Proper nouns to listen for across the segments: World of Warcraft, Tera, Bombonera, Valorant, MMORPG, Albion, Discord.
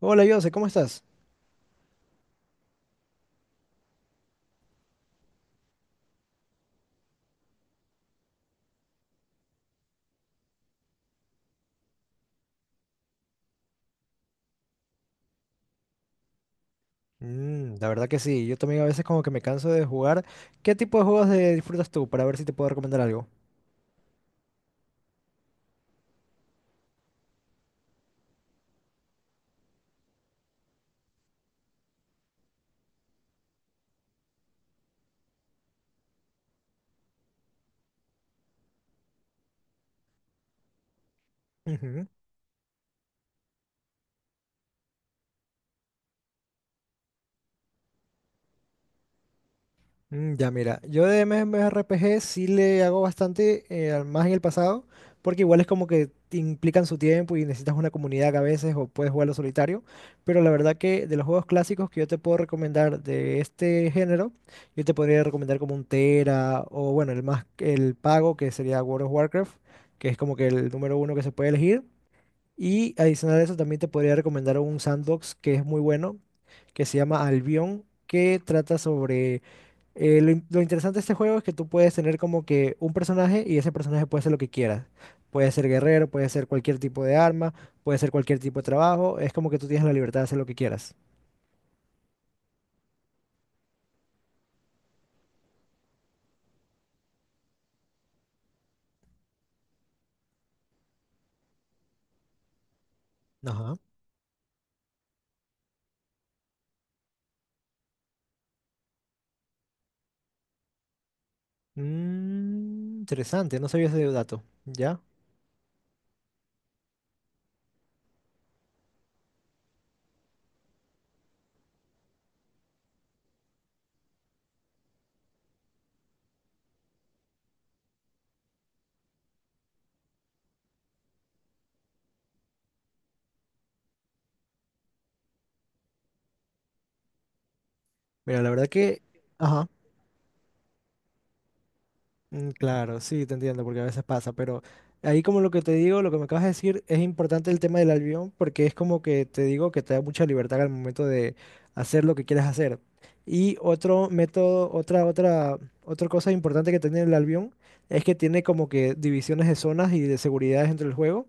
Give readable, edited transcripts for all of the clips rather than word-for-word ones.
Hola, Jose, ¿cómo estás? La verdad que sí, yo también a veces como que me canso de jugar. ¿Qué tipo de juegos disfrutas tú para ver si te puedo recomendar algo? Ujú. Ya mira, yo de MMORPG sí le hago bastante, más en el pasado, porque igual es como que te implican su tiempo y necesitas una comunidad que a veces o puedes jugarlo solitario, pero la verdad que de los juegos clásicos que yo te puedo recomendar de este género, yo te podría recomendar como un Tera o bueno, el más, el pago que sería World of Warcraft, que es como que el número uno que se puede elegir, y adicional a eso también te podría recomendar un sandbox que es muy bueno, que se llama Albion, que trata sobre lo interesante de este juego es que tú puedes tener como que un personaje y ese personaje puede ser lo que quieras. Puede ser guerrero, puede ser cualquier tipo de arma, puede ser cualquier tipo de trabajo. Es como que tú tienes la libertad de hacer lo que quieras. Ajá. Interesante, no sabía ese dato. ¿Ya? Mira, la verdad que... Ajá. Claro, sí, te entiendo, porque a veces pasa, pero ahí como lo que te digo, lo que me acabas de decir, es importante el tema del albión, porque es como que te digo que te da mucha libertad al momento de hacer lo que quieres hacer. Y otro método, otra cosa importante que tiene el albión es que tiene como que divisiones de zonas y de seguridades entre el juego.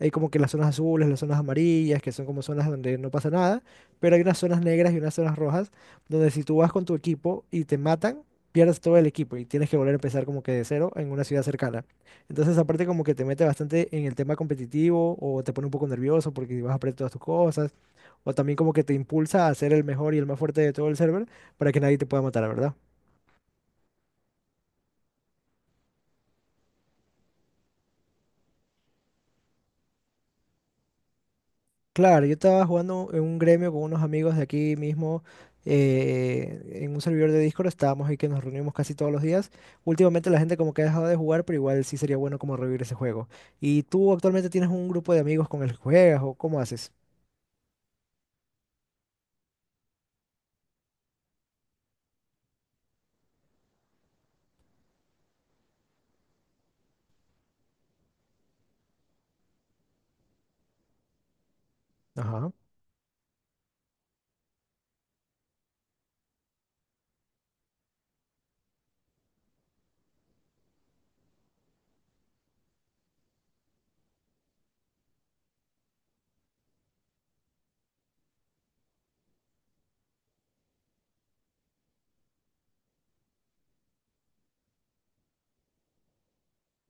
Hay como que las zonas azules, las zonas amarillas, que son como zonas donde no pasa nada, pero hay unas zonas negras y unas zonas rojas, donde si tú vas con tu equipo y te matan, pierdes todo el equipo y tienes que volver a empezar como que de cero en una ciudad cercana. Entonces, aparte como que te mete bastante en el tema competitivo o te pone un poco nervioso porque vas a perder todas tus cosas o también como que te impulsa a ser el mejor y el más fuerte de todo el server para que nadie te pueda matar, ¿verdad? Claro, yo estaba jugando en un gremio con unos amigos de aquí mismo en un servidor de Discord, estábamos ahí que nos reunimos casi todos los días. Últimamente la gente como que ha dejado de jugar, pero igual sí sería bueno como revivir ese juego. ¿Y tú actualmente tienes un grupo de amigos con el que juegas o cómo haces? Ajá.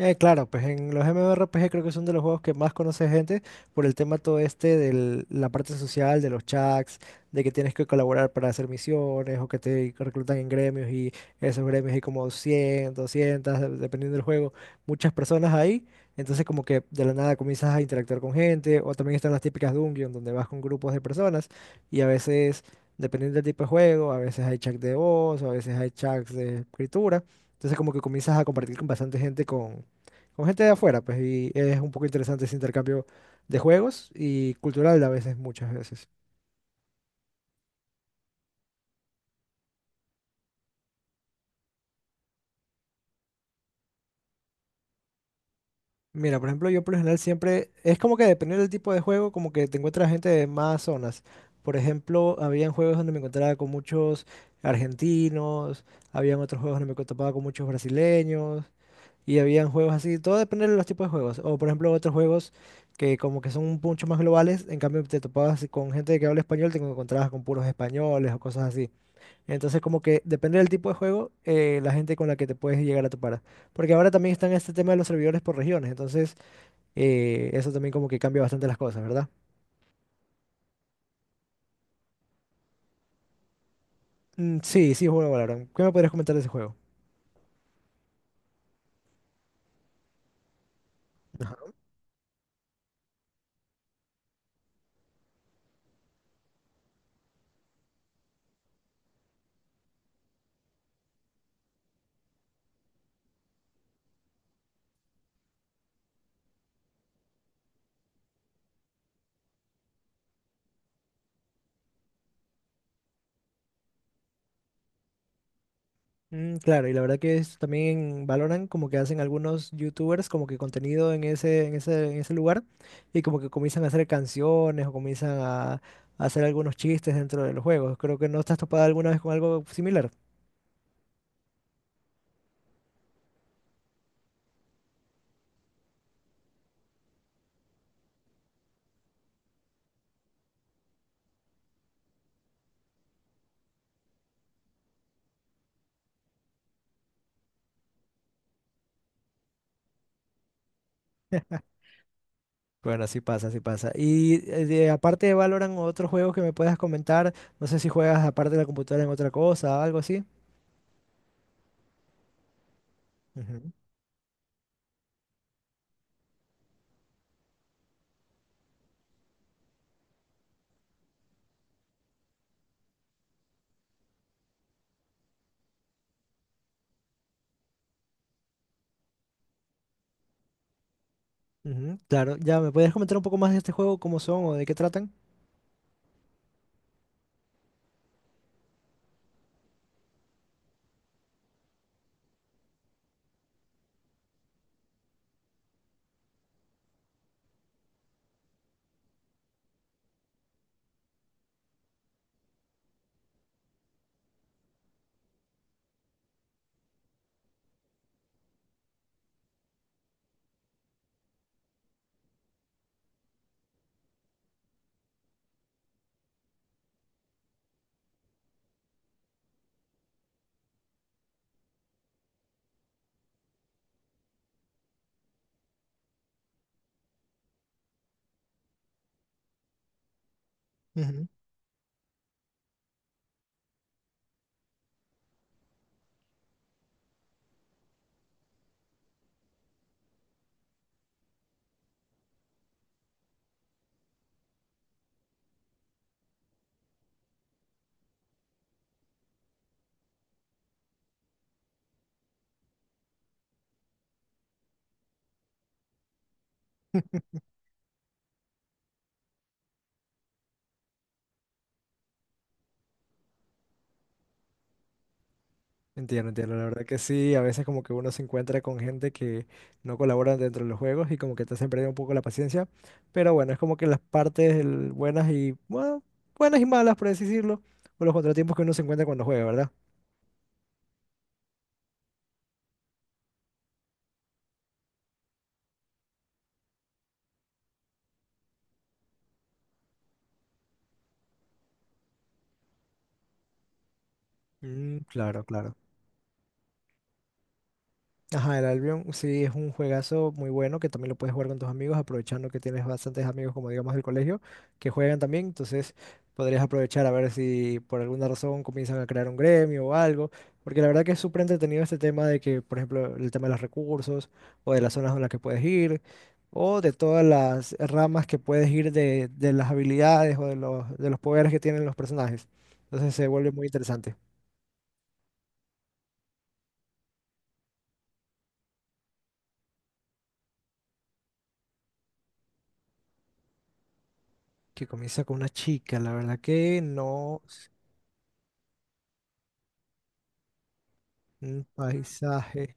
Claro, pues en los MMORPG creo que son de los juegos que más conoce gente por el tema todo este de la parte social, de los chats, de que tienes que colaborar para hacer misiones o que te reclutan en gremios y esos gremios hay como 100, 200 de- dependiendo del juego, muchas personas ahí. Entonces como que de la nada comienzas a interactuar con gente o también están las típicas dungeons donde vas con grupos de personas y a veces, dependiendo del tipo de juego, a veces hay chats de voz o a veces hay chats de escritura. Entonces como que comienzas a compartir con bastante gente con gente de afuera, pues, y es un poco interesante ese intercambio de juegos y cultural a veces, muchas veces. Mira, por ejemplo, yo por lo general siempre, es como que dependiendo del tipo de juego, como que te encuentras gente de más zonas. Por ejemplo, habían juegos donde me encontraba con muchos argentinos, habían otros juegos donde me topaba con muchos brasileños, y habían juegos así, todo depende de los tipos de juegos. O por ejemplo, otros juegos que como que son un mucho más globales, en cambio te topabas con gente que habla español, te encontrabas con puros españoles o cosas así. Entonces, como que depende del tipo de juego, la gente con la que te puedes llegar a topar. Porque ahora también está en este tema de los servidores por regiones, entonces eso también como que cambia bastante las cosas, ¿verdad? Sí, sí, juego Valorant. ¿Qué me podrías comentar de ese juego? Claro, y la verdad que es, también valoran como que hacen algunos youtubers como que contenido en ese lugar y como que comienzan a hacer canciones o comienzan a hacer algunos chistes dentro de los juegos. Creo que no estás topada alguna vez con algo similar. Bueno, así pasa, así pasa. Y aparte de Valorant, otros juegos que me puedas comentar, no sé si juegas aparte de la computadora en otra cosa, algo así. Ujú, Claro, ya, ¿me podrías comentar un poco más de este juego, cómo son o de qué tratan? Ujú. Entiendo, entiendo, la verdad que sí, a veces como que uno se encuentra con gente que no colabora dentro de los juegos y como que te hacen perder un poco la paciencia, pero bueno, es como que las partes buenas y, bueno, buenas y malas, por así decirlo, o los contratiempos que uno se encuentra cuando juega, ¿verdad? Claro, claro. Ajá, el Albion sí es un juegazo muy bueno que también lo puedes jugar con tus amigos, aprovechando que tienes bastantes amigos, como digamos del colegio, que juegan también. Entonces podrías aprovechar a ver si por alguna razón comienzan a crear un gremio o algo. Porque la verdad que es súper entretenido este tema de que, por ejemplo, el tema de los recursos o de las zonas en las que puedes ir o de todas las ramas que puedes ir de las habilidades o de los poderes que tienen los personajes. Entonces se vuelve muy interesante. Que comienza con una chica, la verdad que no. Un paisaje.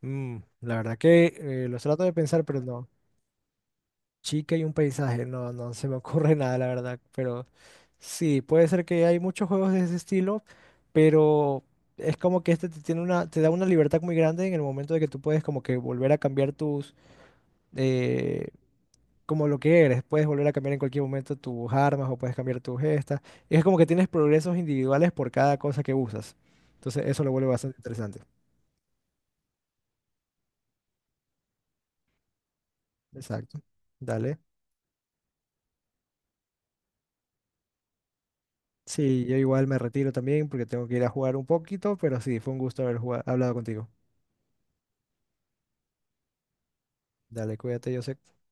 Mm, la verdad que Los trato de pensar, pero no. Chica y un paisaje. No, no se me ocurre nada, la verdad. Pero sí, puede ser que hay muchos juegos de ese estilo, pero es como que este te tiene una, te da una libertad muy grande en el momento de que tú puedes como que volver a cambiar tus, eh, como lo que eres. Puedes volver a cambiar en cualquier momento tus armas o puedes cambiar tus gestas. Y es como que tienes progresos individuales por cada cosa que usas. Entonces eso lo vuelve bastante interesante. Exacto. Dale. Sí, yo igual me retiro también porque tengo que ir a jugar un poquito, pero sí, fue un gusto haber hablado contigo. Dale, cuídate, Josep.